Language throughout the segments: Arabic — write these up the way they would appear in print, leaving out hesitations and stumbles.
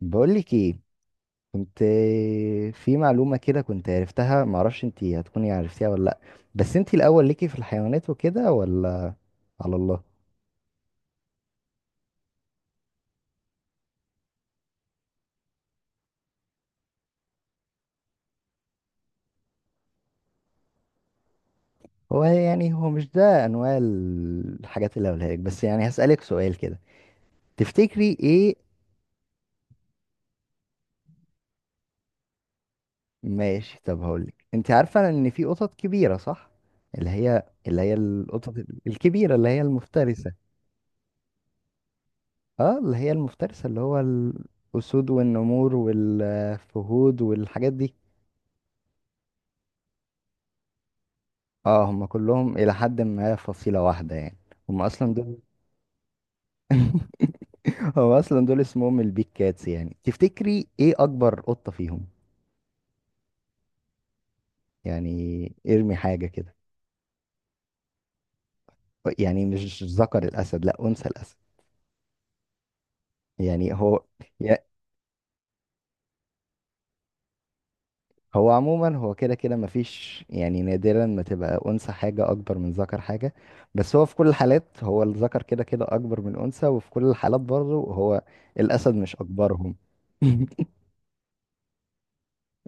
بقولك ايه؟ كنت في معلومة كده كنت عرفتها، معرفش انتي هتكوني عرفتيها ولا لأ. بس انتي الأول ليكي في الحيوانات وكده، ولا على الله؟ هو يعني هو مش ده أنواع الحاجات اللي هقولها لك، بس يعني هسألك سؤال كده، تفتكري ايه؟ ماشي، طب هقولك، انتي عارفة ان في قطط كبيرة صح؟ اللي هي اللي هي القطط الكبيرة اللي هي المفترسة. اه، اللي هي المفترسة، اللي هو الأسود والنمور والفهود والحاجات دي. اه، هم كلهم الى حد ما فصيلة واحدة يعني. هم اصلا دول هم اصلا دول اسمهم البيك كاتس. يعني تفتكري ايه اكبر قطة فيهم؟ يعني ارمي حاجة كده. يعني مش ذكر الاسد، لا انثى الاسد يعني. هو يا- هو عموما هو كده كده مفيش، يعني نادرا ما تبقى انثى حاجة اكبر من ذكر حاجة. بس هو في كل الحالات هو الذكر كده كده اكبر من الانثى، وفي كل الحالات برضه هو الاسد مش اكبرهم.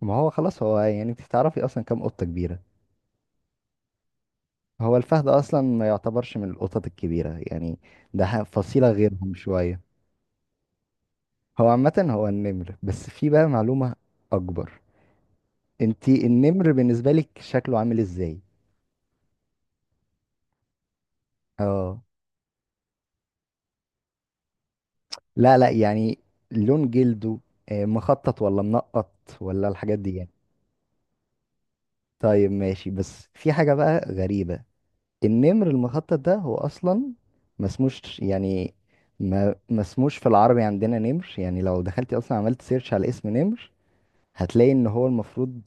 ما هو خلاص، هو يعني انت تعرفي اصلا كام قطة كبيرة؟ هو الفهد اصلا ما يعتبرش من القطط الكبيره يعني. ده فصيله غيرهم شويه. هو عامه هو النمر، بس في بقى معلومه اكبر. انتي النمر بالنسبه لك شكله عامل ازاي؟ اه لا لا يعني لون جلده، مخطط ولا منقط، ولا الحاجات دي يعني. طيب ماشي، بس في حاجه بقى غريبه. النمر المخطط ده هو اصلا ما اسموش يعني، ما اسموش في العربي عندنا نمر. يعني لو دخلتي اصلا عملت سيرش على اسم نمر، هتلاقي ان هو المفروض،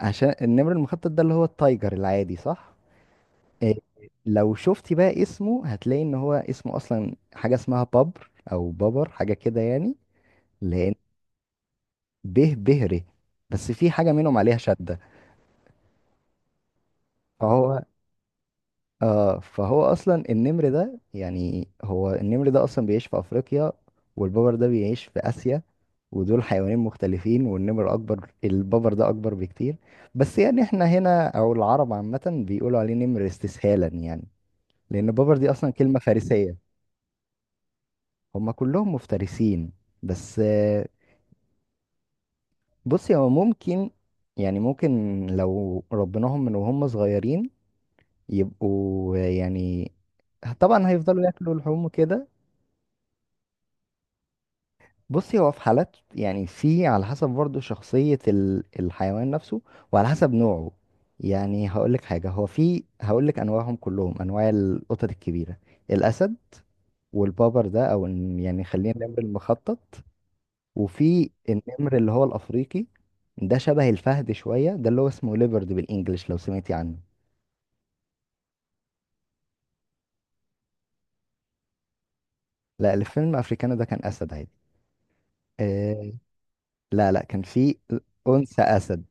عشان النمر المخطط ده اللي هو التايجر العادي صح؟ إيه، لو شفتي بقى اسمه هتلاقي ان هو اسمه اصلا حاجة اسمها بابر، او بابر حاجة كده يعني. لان به بهري، بس في حاجة منهم عليها شدة. فهو اه فهو اصلا النمر ده يعني، هو النمر ده اصلا بيعيش في افريقيا، والببر ده بيعيش في اسيا. ودول حيوانين مختلفين، والنمر اكبر، الببر ده اكبر بكتير. بس يعني احنا هنا او العرب عامة بيقولوا عليه نمر استسهالا يعني، لان الببر دي اصلا كلمة فارسية. هما كلهم مفترسين، بس بصي هو ممكن، يعني ممكن لو ربناهم من وهم صغيرين يبقوا يعني، طبعا هيفضلوا ياكلوا لحوم وكده. بصي هو في حالات، يعني في على حسب برضه شخصية الحيوان نفسه، وعلى حسب نوعه. يعني هقولك حاجة، هو في هقولك أنواعهم كلهم، أنواع القطط الكبيرة: الأسد، والبابر ده أو يعني خلينا النمر المخطط، وفي النمر اللي هو الأفريقي. ده شبه الفهد شوية، ده اللي هو اسمه ليبرد بالإنجلش لو سمعتي عنه. لا الفيلم أفريكانا ده كان أسد عادي، آه. لا لا كان في أنثى أسد.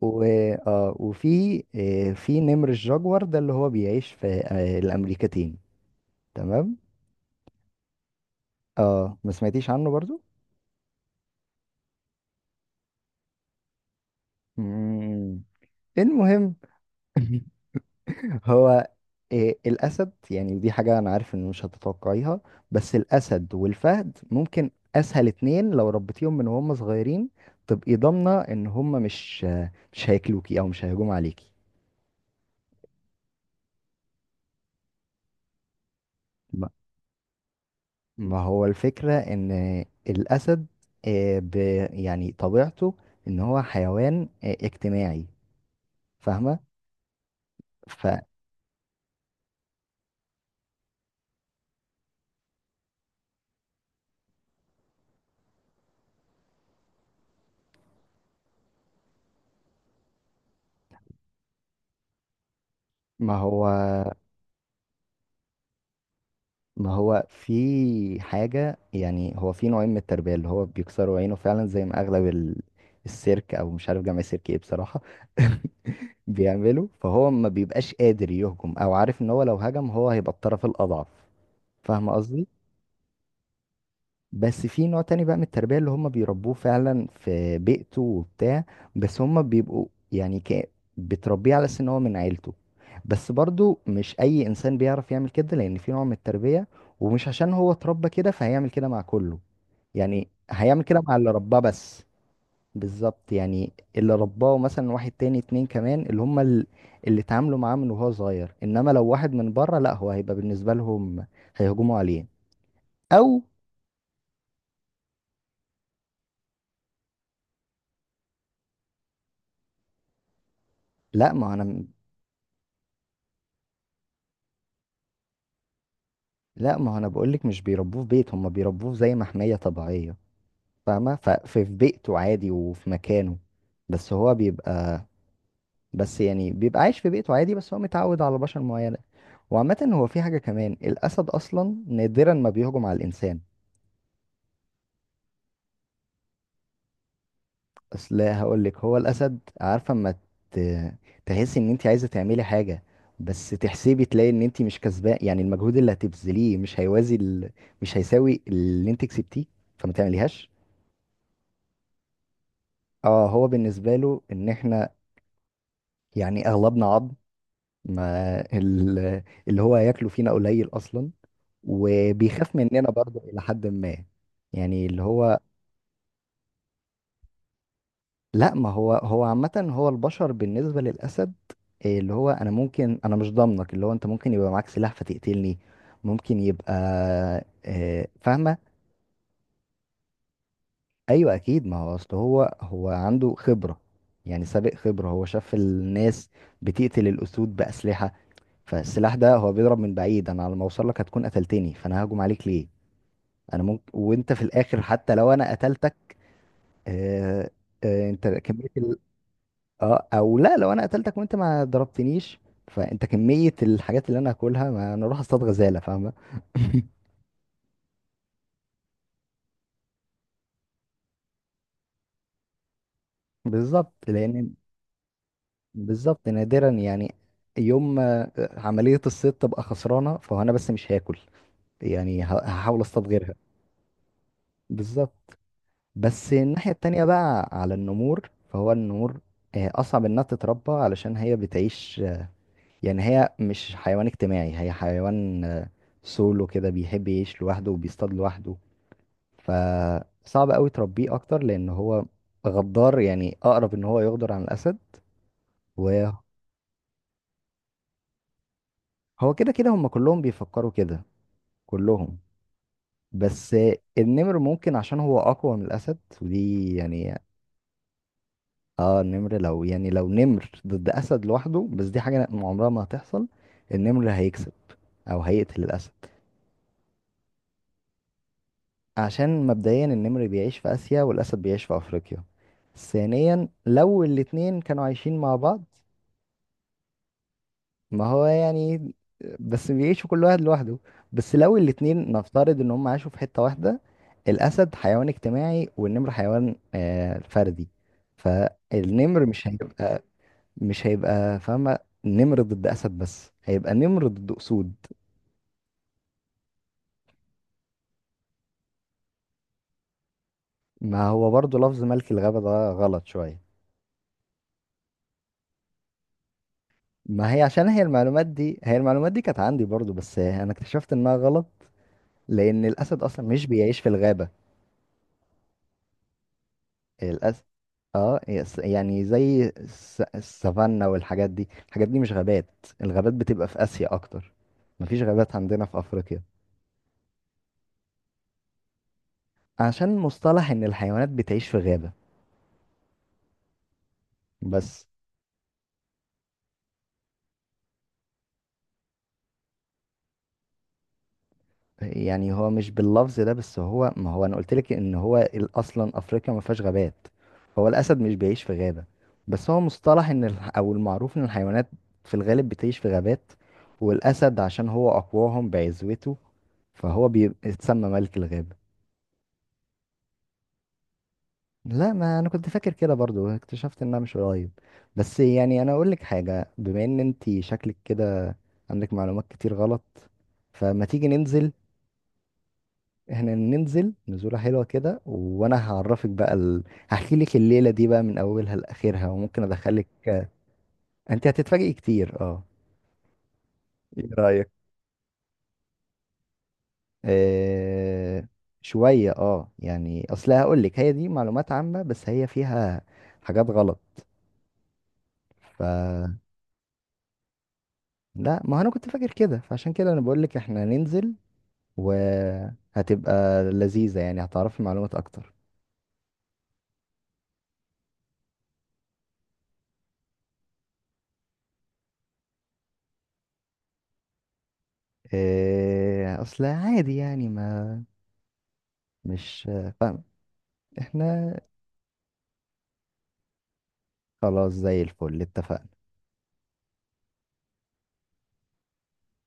و... وفي في نمر الجاجوار ده اللي هو بيعيش في الأمريكتين، تمام. اه ما سمعتيش عنه برضو. مم. المهم، هو الأسد يعني، دي حاجة أنا عارف إن مش هتتوقعيها، بس الأسد والفهد ممكن أسهل اتنين لو ربيتيهم من وهم صغيرين، تبقي ضامنة إن هم مش هياكلوكي أو مش هيهجموا عليكي. ما هو الفكرة ان الاسد، آه، ب يعني طبيعته ان هو حيوان اجتماعي، فاهمة؟ فما هو، ما هو في حاجة، يعني هو في نوعين من التربية: اللي هو بيكسروا عينه فعلا زي ما اغلب السيرك، او مش عارف جمع سيرك ايه بصراحة بيعملوا، فهو ما بيبقاش قادر يهجم، او عارف ان هو لو هجم هو هيبقى الطرف الاضعف، فاهمة قصدي؟ بس في نوع تاني بقى من التربية اللي هم بيربوه فعلا في بيئته وبتاع، بس هم بيبقوا، يعني بتربيه على أساس إن هو من عيلته، بس برضو مش أي إنسان بيعرف يعمل كده، لأن في نوع من التربية. ومش عشان هو اتربى كده فهيعمل كده مع كله، يعني هيعمل كده مع اللي رباه بس. بالظبط، يعني اللي رباه مثلا واحد تاني، اتنين كمان، اللي هم اللي اتعاملوا معاه من وهو صغير، انما لو واحد من بره لا، هو هيبقى بالنسبه لهم هيهجموا عليه، او لا ما انا، لا ما هو انا بقولك مش بيربوه في بيت، هم بيربوه زي محمية طبيعية، فاهمة؟ ففي في بيئته عادي وفي مكانه، بس هو بيبقى، بس يعني بيبقى عايش في بيئته عادي، بس هو متعود على بشر معينة. وعامة هو في حاجة كمان، الأسد أصلا نادرا ما بيهجم على الإنسان. أصل هقولك، هو الأسد عارفة اما ت- تحسي إن أنت عايزة تعملي حاجة، بس تحسبي تلاقي إن أنت مش كسبان، يعني المجهود اللي هتبذليه مش هيوازي ال... مش هيساوي اللي أنت كسبتيه، فما تعمليهاش. اه هو بالنسبة له ان احنا يعني اغلبنا عظم، ما اللي هو هياكله فينا قليل اصلا، وبيخاف مننا برضه الى حد ما، يعني اللي هو. لا ما هو، هو عامة هو البشر بالنسبة للاسد إيه؟ اللي هو انا ممكن، انا مش ضامنك، اللي هو انت ممكن يبقى معاك سلاح فتقتلني، ممكن يبقى فاهمة؟ ايوه اكيد، ما هو اصل هو عنده خبره، يعني سابق خبره، هو شاف الناس بتقتل الاسود باسلحه، فالسلاح ده هو بيضرب من بعيد، انا على ما اوصل لك هتكون قتلتني، فانا ههجم عليك ليه؟ انا ممكن وانت في الاخر حتى لو انا قتلتك آه انت كميه ال... او لا، لو انا قتلتك وانت ما ضربتنيش، فانت كميه الحاجات اللي انا هاكلها، ما انا اروح اصطاد غزاله فاهمه بالظبط لان، بالظبط نادرا يعني. يوم ما عملية الصيد تبقى خسرانة فهو، أنا بس مش هاكل، يعني هحاول أصطاد غيرها. بالظبط. بس الناحية التانية بقى على النمور، فهو النمور أصعب إنها تتربى، علشان هي بتعيش يعني هي مش حيوان اجتماعي، هي حيوان سولو كده، بيحب يعيش لوحده وبيصطاد لوحده، فصعب أوي تربيه أكتر، لأن هو غدار، يعني أقرب إن هو يغدر عن الأسد. وهو كده كده هم كلهم بيفكروا كده، كلهم. بس النمر ممكن عشان هو اقوى من الاسد، ودي يعني. اه النمر لو، يعني لو نمر ضد اسد لوحده، بس دي حاجه عمرها ما هتحصل، النمر هيكسب او هيقتل الاسد. عشان مبدئيا النمر بيعيش في اسيا والاسد بيعيش في افريقيا. ثانيا لو الاتنين كانوا عايشين مع بعض، ما هو يعني، بس بيعيشوا كل واحد لوحده. بس لو الاتنين نفترض ان هم عاشوا في حتة واحدة، الأسد حيوان اجتماعي والنمر حيوان فردي، فالنمر مش هيبقى، مش هيبقى فاهمة، نمر ضد أسد، بس هيبقى نمر ضد أسود. ما هو برضو لفظ ملك الغابة ده غلط شوية. ما هي عشان هي المعلومات دي، هي المعلومات دي كانت عندي برضو، بس أنا اكتشفت إنها غلط. لأن الأسد أصلا مش بيعيش في الغابة. الأس اه، يعني زي السافانا والحاجات دي، الحاجات دي مش غابات. الغابات بتبقى في آسيا أكتر، مفيش غابات عندنا في أفريقيا. عشان مصطلح إن الحيوانات بتعيش في غابة بس. يعني هو مش باللفظ ده، بس هو ما هو أنا قلتلك إن هو أصلا أفريقيا ما فيهاش غابات، هو الأسد مش بيعيش في غابة. بس هو مصطلح إن أو المعروف إن الحيوانات في الغالب بتعيش في غابات، والأسد عشان هو أقواهم بعزوته فهو بيتسمى ملك الغابة. لا ما انا كنت فاكر كده برضو، اكتشفت انها مش قريب. بس يعني انا اقول لك حاجه، بما ان انت شكلك كده عندك معلومات كتير غلط، فما تيجي ننزل. احنا ننزل نزوله حلوه كده، وانا هعرفك بقى ال... هحكي لك الليله دي بقى من اولها لاخرها وممكن ادخلك. انت هتتفاجئي كتير اه. ايه رأيك؟ آه، شوية اه، يعني اصل هقول لك، هي دي معلومات عامة بس هي فيها حاجات غلط. ف لا ما انا كنت فاكر كده، فعشان كده انا بقول لك احنا هننزل وهتبقى لذيذة، يعني هتعرفي معلومات اكتر. إيه اصل عادي يعني، ما مش فاهم، احنا خلاص زي الفل اتفقنا.